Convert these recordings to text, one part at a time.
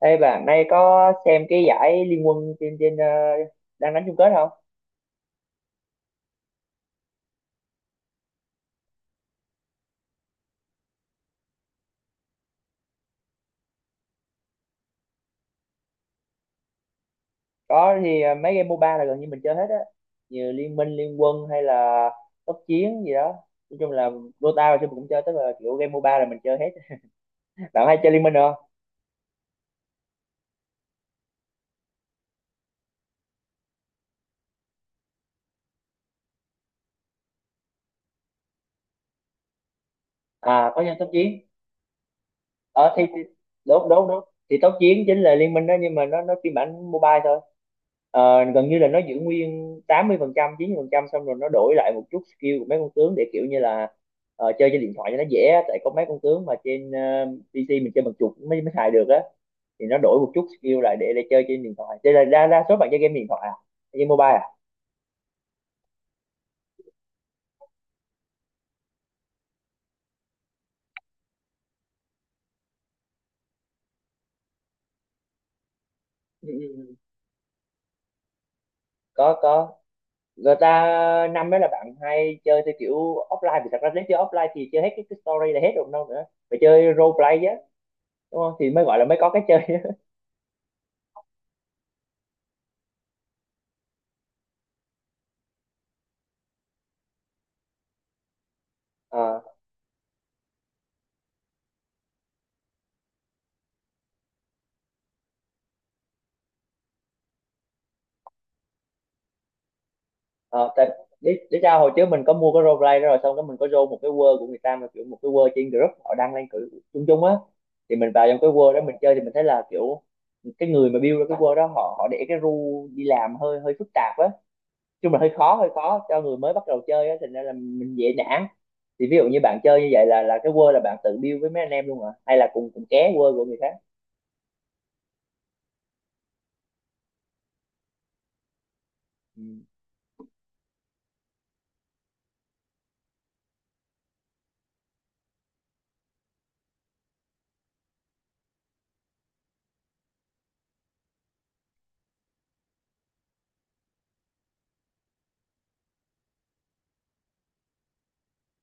Ê bạn nay có xem cái giải Liên quân trên trên ờ, đang đánh chung kết không? Có thì mấy game MOBA là gần như mình chơi hết á. Như Liên Minh, Liên quân hay là Tốc Chiến gì đó. Nói chung là Dota và xưa mình cũng chơi, tức là kiểu game MOBA là mình chơi hết. Bạn hay chơi Liên Minh không? À có chơi Tốc Chiến. Thì đúng đúng đúng, thì tốc chiến chính là liên minh đó, nhưng mà nó phiên bản mobile thôi. Gần như là nó giữ nguyên 80 phần trăm 90 phần trăm, xong rồi nó đổi lại một chút skill của mấy con tướng để kiểu như là chơi trên điện thoại cho nó dễ á. Tại có mấy con tướng mà trên PC mình chơi bằng chuột mới mới xài được á, thì nó đổi một chút skill lại để chơi trên điện thoại, thế là đa số bạn chơi game điện thoại à, game mobile à? Ừ, ừ, ừ. Có, người ta năm đó là bạn hay chơi theo kiểu offline, vì thật ra nếu chơi offline thì chơi hết cái story là hết rồi, đâu nữa, phải chơi role play á, đúng không, thì mới gọi là mới có cái chơi á. ờ ờ Tại để sao hồi trước mình có mua cái role play đó, rồi xong đó mình có vô một cái world của người ta, mà kiểu một cái world trên group họ đăng lên cử chung chung á, thì mình vào trong cái world đó mình chơi, thì mình thấy là kiểu cái người mà build ra cái world đó, họ họ để cái rule đi làm hơi hơi phức tạp á, chung là hơi khó cho người mới bắt đầu chơi á, thành ra là mình dễ nản. Thì ví dụ như bạn chơi như vậy là cái word là bạn tự build với mấy anh em luôn hả, hay là cùng cùng ké word của người khác? Ừ.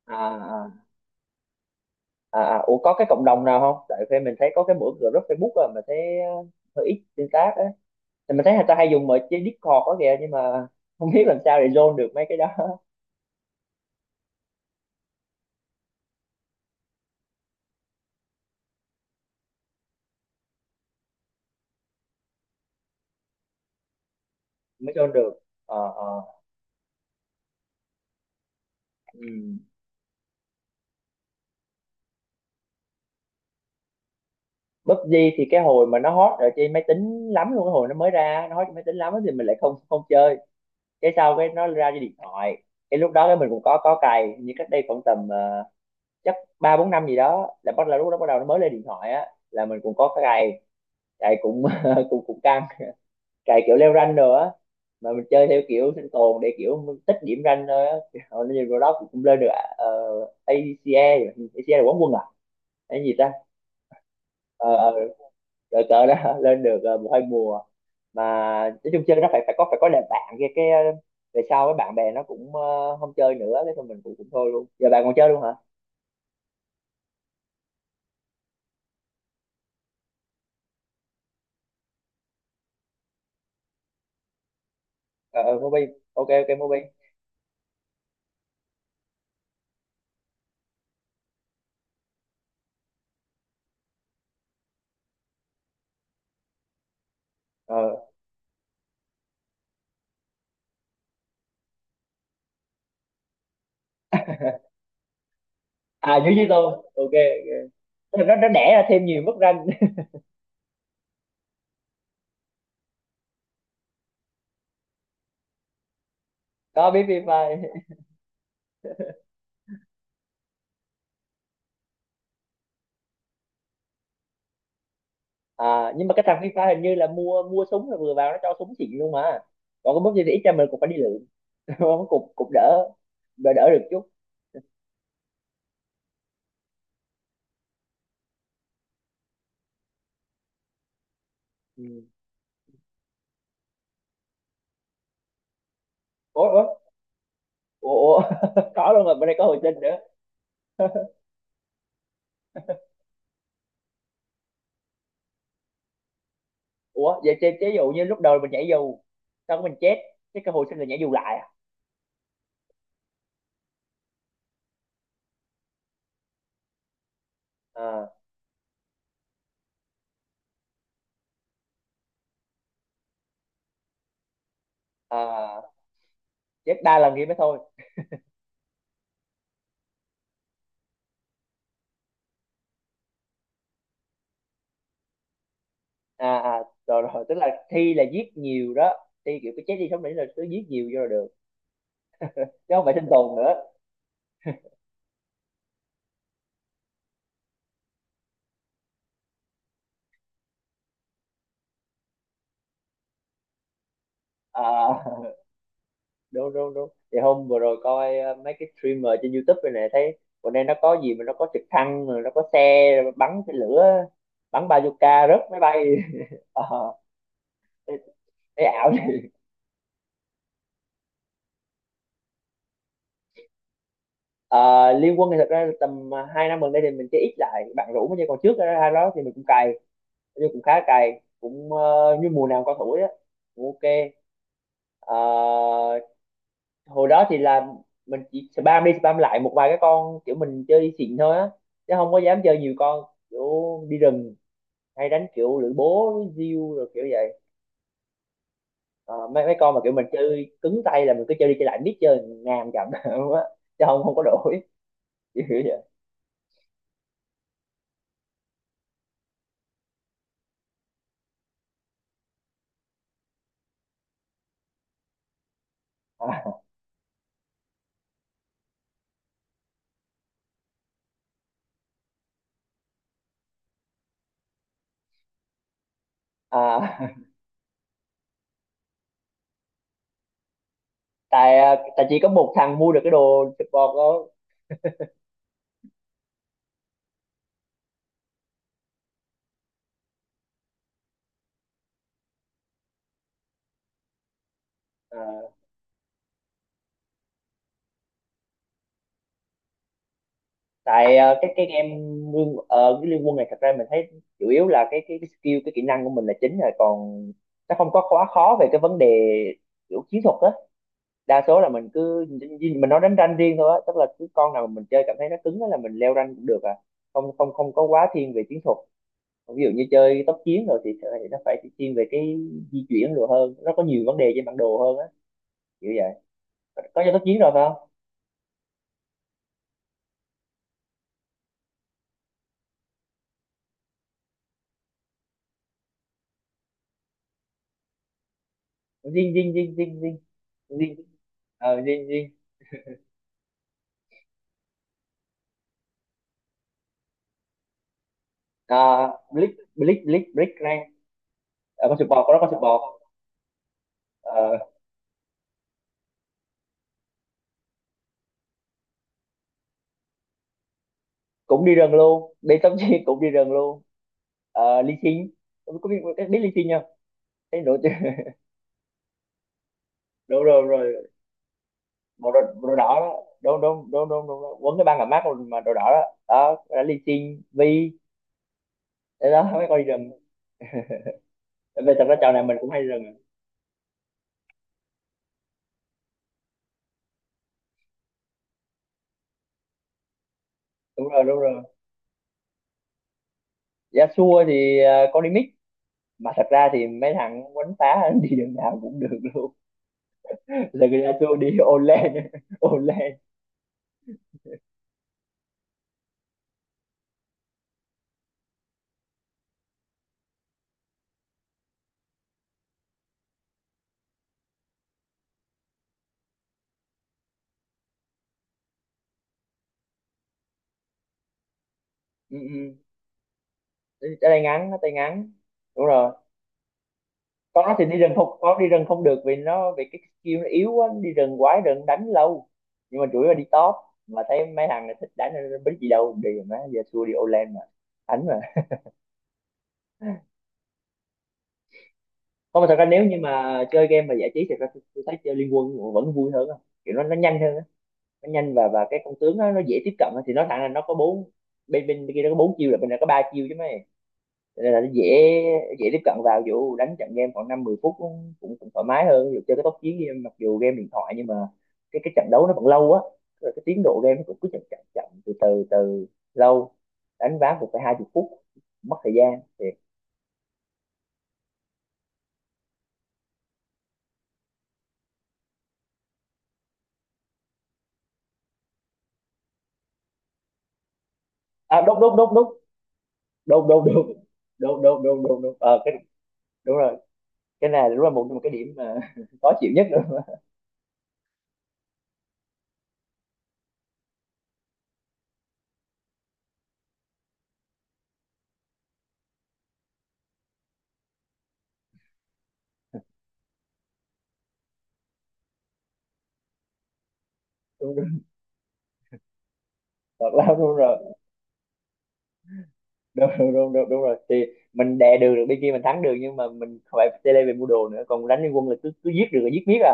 À, à, à, à. Ủa có cái cộng đồng nào không, tại vì mình thấy có cái mỗi group Facebook rồi, mà thấy hơi ít tương tác á, thì mình thấy người ta hay dùng mọi trên Discord đó kìa, nhưng mà không biết làm sao để join được mấy cái đó. Mới join được. ờ ờ ừ. PUBG thì cái hồi mà nó hot ở trên máy tính lắm luôn, cái hồi nó mới ra nó hot trên máy tính lắm á, thì mình lại không không chơi, cái sau cái nó ra cái điện thoại, cái lúc đó cái mình cũng có cày, như cách đây khoảng tầm chắc ba bốn năm gì đó, là lúc đó bắt đầu nó mới lên điện thoại á, là mình cũng có cái cày, cày cũng cũng cũng căng, cày kiểu leo rank rồi á, mà mình chơi theo kiểu sinh tồn để kiểu mình tích điểm rank thôi á. Hồi nó nhìn vào đó cũng cũng lên được. ACE. ACE là quán quân à? Cái gì ta? Ờ, ờ, rồi tớ đã lên được một hai mùa, mà nói chung chơi nó phải phải có đàn bạn kia cái về sau cái bạn bè nó cũng không chơi nữa, cái thôi mình cũng cũng thôi luôn, giờ bạn còn chơi luôn hả? Ờ Mobi, ok ok, Mobi. ờ À, dưới dưới tôi, ok. Ok. Nó đẻ ra thêm nhiều mức rank. Có biết Free Fire. À nhưng mà cái thằng Free Fire hình như là mua mua súng là vừa vào nó cho súng xịn luôn mà, còn cái mức gì thì ít ra mình cũng phải đi lượm, cũng cũng cũng đỡ, đỡ được chút. Ừ. Ủa ủa, ủa ủa, có luôn rồi, bên đây có hồi sinh nữa? Ủa vậy chế chế dụ như lúc đầu mình nhảy dù, sau đó mình chết, cái cơ hội sinh là nhảy dù lại à? Ờ, à, chết đa lần thì mới thôi. À, à rồi rồi, tức là thi là giết nhiều đó, thi kiểu cái chết đi sống lại là cứ giết nhiều vô là được, chứ không phải sinh tồn nữa. À, đúng đúng đúng, thì hôm vừa rồi coi mấy cái streamer trên YouTube này nè, thấy bữa nay nó có gì mà nó có trực thăng, rồi nó có xe rồi bắn cái lửa, bắn bazooka rớt máy bay. Ờ, thấy thấy ảo. Ờ, Liên Quân thì thật ra tầm 2 năm gần đây thì mình chơi ít lại, bạn rủ mới chơi, còn trước ra đó thì mình cũng cày, nhưng cũng khá cày, cũng như mùa nào con thủ á cũng ok. Ờ, hồi đó thì là mình chỉ spam đi spam lại một vài cái con, kiểu mình chơi xịn thôi á, chứ không có dám chơi nhiều con, kiểu đi rừng hay đánh kiểu lưỡi bố diêu rồi kiểu vậy. Ờ, mấy mấy con mà kiểu mình chơi cứng tay là mình cứ chơi đi chơi lại biết chơi ngàn chậm á, chứ không không có đổi kiểu vậy. À, à. Tại chỉ có một thằng mua được cái đồ support đó. Ờ, tại cái game cái liên quân này, thật ra mình thấy chủ yếu là cái skill, cái kỹ năng của mình là chính rồi, còn nó không có quá khó về cái vấn đề kiểu chiến thuật á, đa số là mình nói đánh rank riêng thôi á, tức là cứ con nào mà mình chơi cảm thấy nó cứng á là mình leo rank cũng được à, không không không có quá thiên về chiến thuật. Còn ví dụ như chơi tốc chiến rồi thì nó phải thiên về cái di chuyển rồi, hơn nó có nhiều vấn đề trên bản đồ hơn á, kiểu vậy. Có chơi tốc chiến rồi phải không? Dinh dinh dinh dinh dinh dinh, dinh dinh. À, blick blick blick blick rank. À, con sụp bò có đó, con sụp bò. Ờ, cũng đi rừng luôn, đi tắm chi cũng đi rừng luôn. Ờ, ly xin. Có biết biết ly xin không? Thấy đồ chứ. Đồ rồi, rồi màu đồ, đồ đỏ đó, đồ đồ đồ đồ, đồ, quấn cái băng làm mát mà, đồ đỏ đó, đó là ly xin vi. Để đó mấy con đi rừng về, thật ra trò này mình cũng hay đi rừng à. Đúng rồi, đúng rồi, giá xua thì con đi mix, mà thật ra thì mấy thằng quánh phá đi đường nào cũng được luôn. Giờ người Zagreanu đi Olen, Olen. Ừ, ừ. Tay ngắn, tay ngắn, đúng rồi. Con nó thì đi rừng không, con đi rừng không được, vì cái skill nó yếu quá, nó đi rừng quái rừng đánh lâu, nhưng mà chủ yếu là đi top, mà thấy mấy thằng này thích đánh nên bính gì đâu đi mà, giờ xua đi Olen mà đánh mà. Không, mà thật ra nếu như mà chơi game mà giải trí thì ra tôi thấy chơi Liên Quân vẫn vui hơn á, kiểu nó nhanh hơn á, nó nhanh, và cái con tướng nó dễ tiếp cận á, thì nó thằng là nó có bốn, bên bên kia nó có bốn chiêu, là bên này có ba chiêu chứ mấy, nên là nó dễ dễ tiếp cận, vào dù đánh trận game khoảng 5-10 phút cũng cũng, thoải mái hơn, dù chơi cái tốc chiến game, mặc dù game điện thoại, nhưng mà cái trận đấu nó vẫn lâu á, cái tiến độ game nó cũng cứ chậm chậm chậm từ từ từ, lâu, đánh ván một phải 20 phút, mất thời gian thiệt. À đúng đúng đúng đúng, đúng đúng đúng đúng, đúng đúng đúng đúng cái, đúng rồi, cái này đúng là một một cái điểm mà khó chịu nhất. Đúng, đúng, đúng. Thật là đúng rồi. Đúng đúng đúng đúng, đúng rồi, thì mình đè đường được bên kia mình thắng được, nhưng mà mình phải chơi lên về mua đồ nữa, còn đánh liên quân là cứ cứ giết được là giết miết à,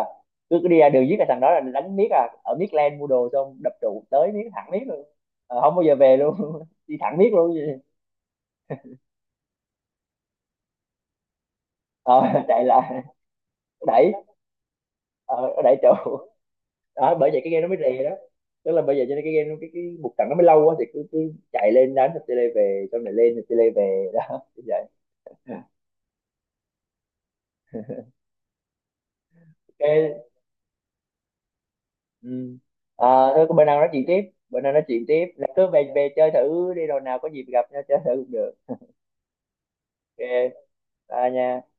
cứ cứ đi ra đường giết là thằng đó là đánh miết à, ở miết len mua đồ, xong đập trụ tới miết, thẳng miết luôn. Ờ, không bao giờ về luôn. Đi thẳng miết luôn. Ờ, Chạy lại, đẩy ờ, đẩy trụ. Đó bởi vậy cái game nó mới rè đó, tức là bây giờ cho nên cái game cái một trận nó mới lâu quá, thì cứ cứ chạy lên đánh rồi chơi lên về, xong này lên rồi chơi lên về đó như vậy. Ok. Ừ. À, thôi có bữa nào nói chuyện tiếp, bữa nào nói chuyện tiếp. Cứ về về chơi thử đi, rồi nào có dịp gặp nhau chơi thử cũng được. Ok. Bye nha.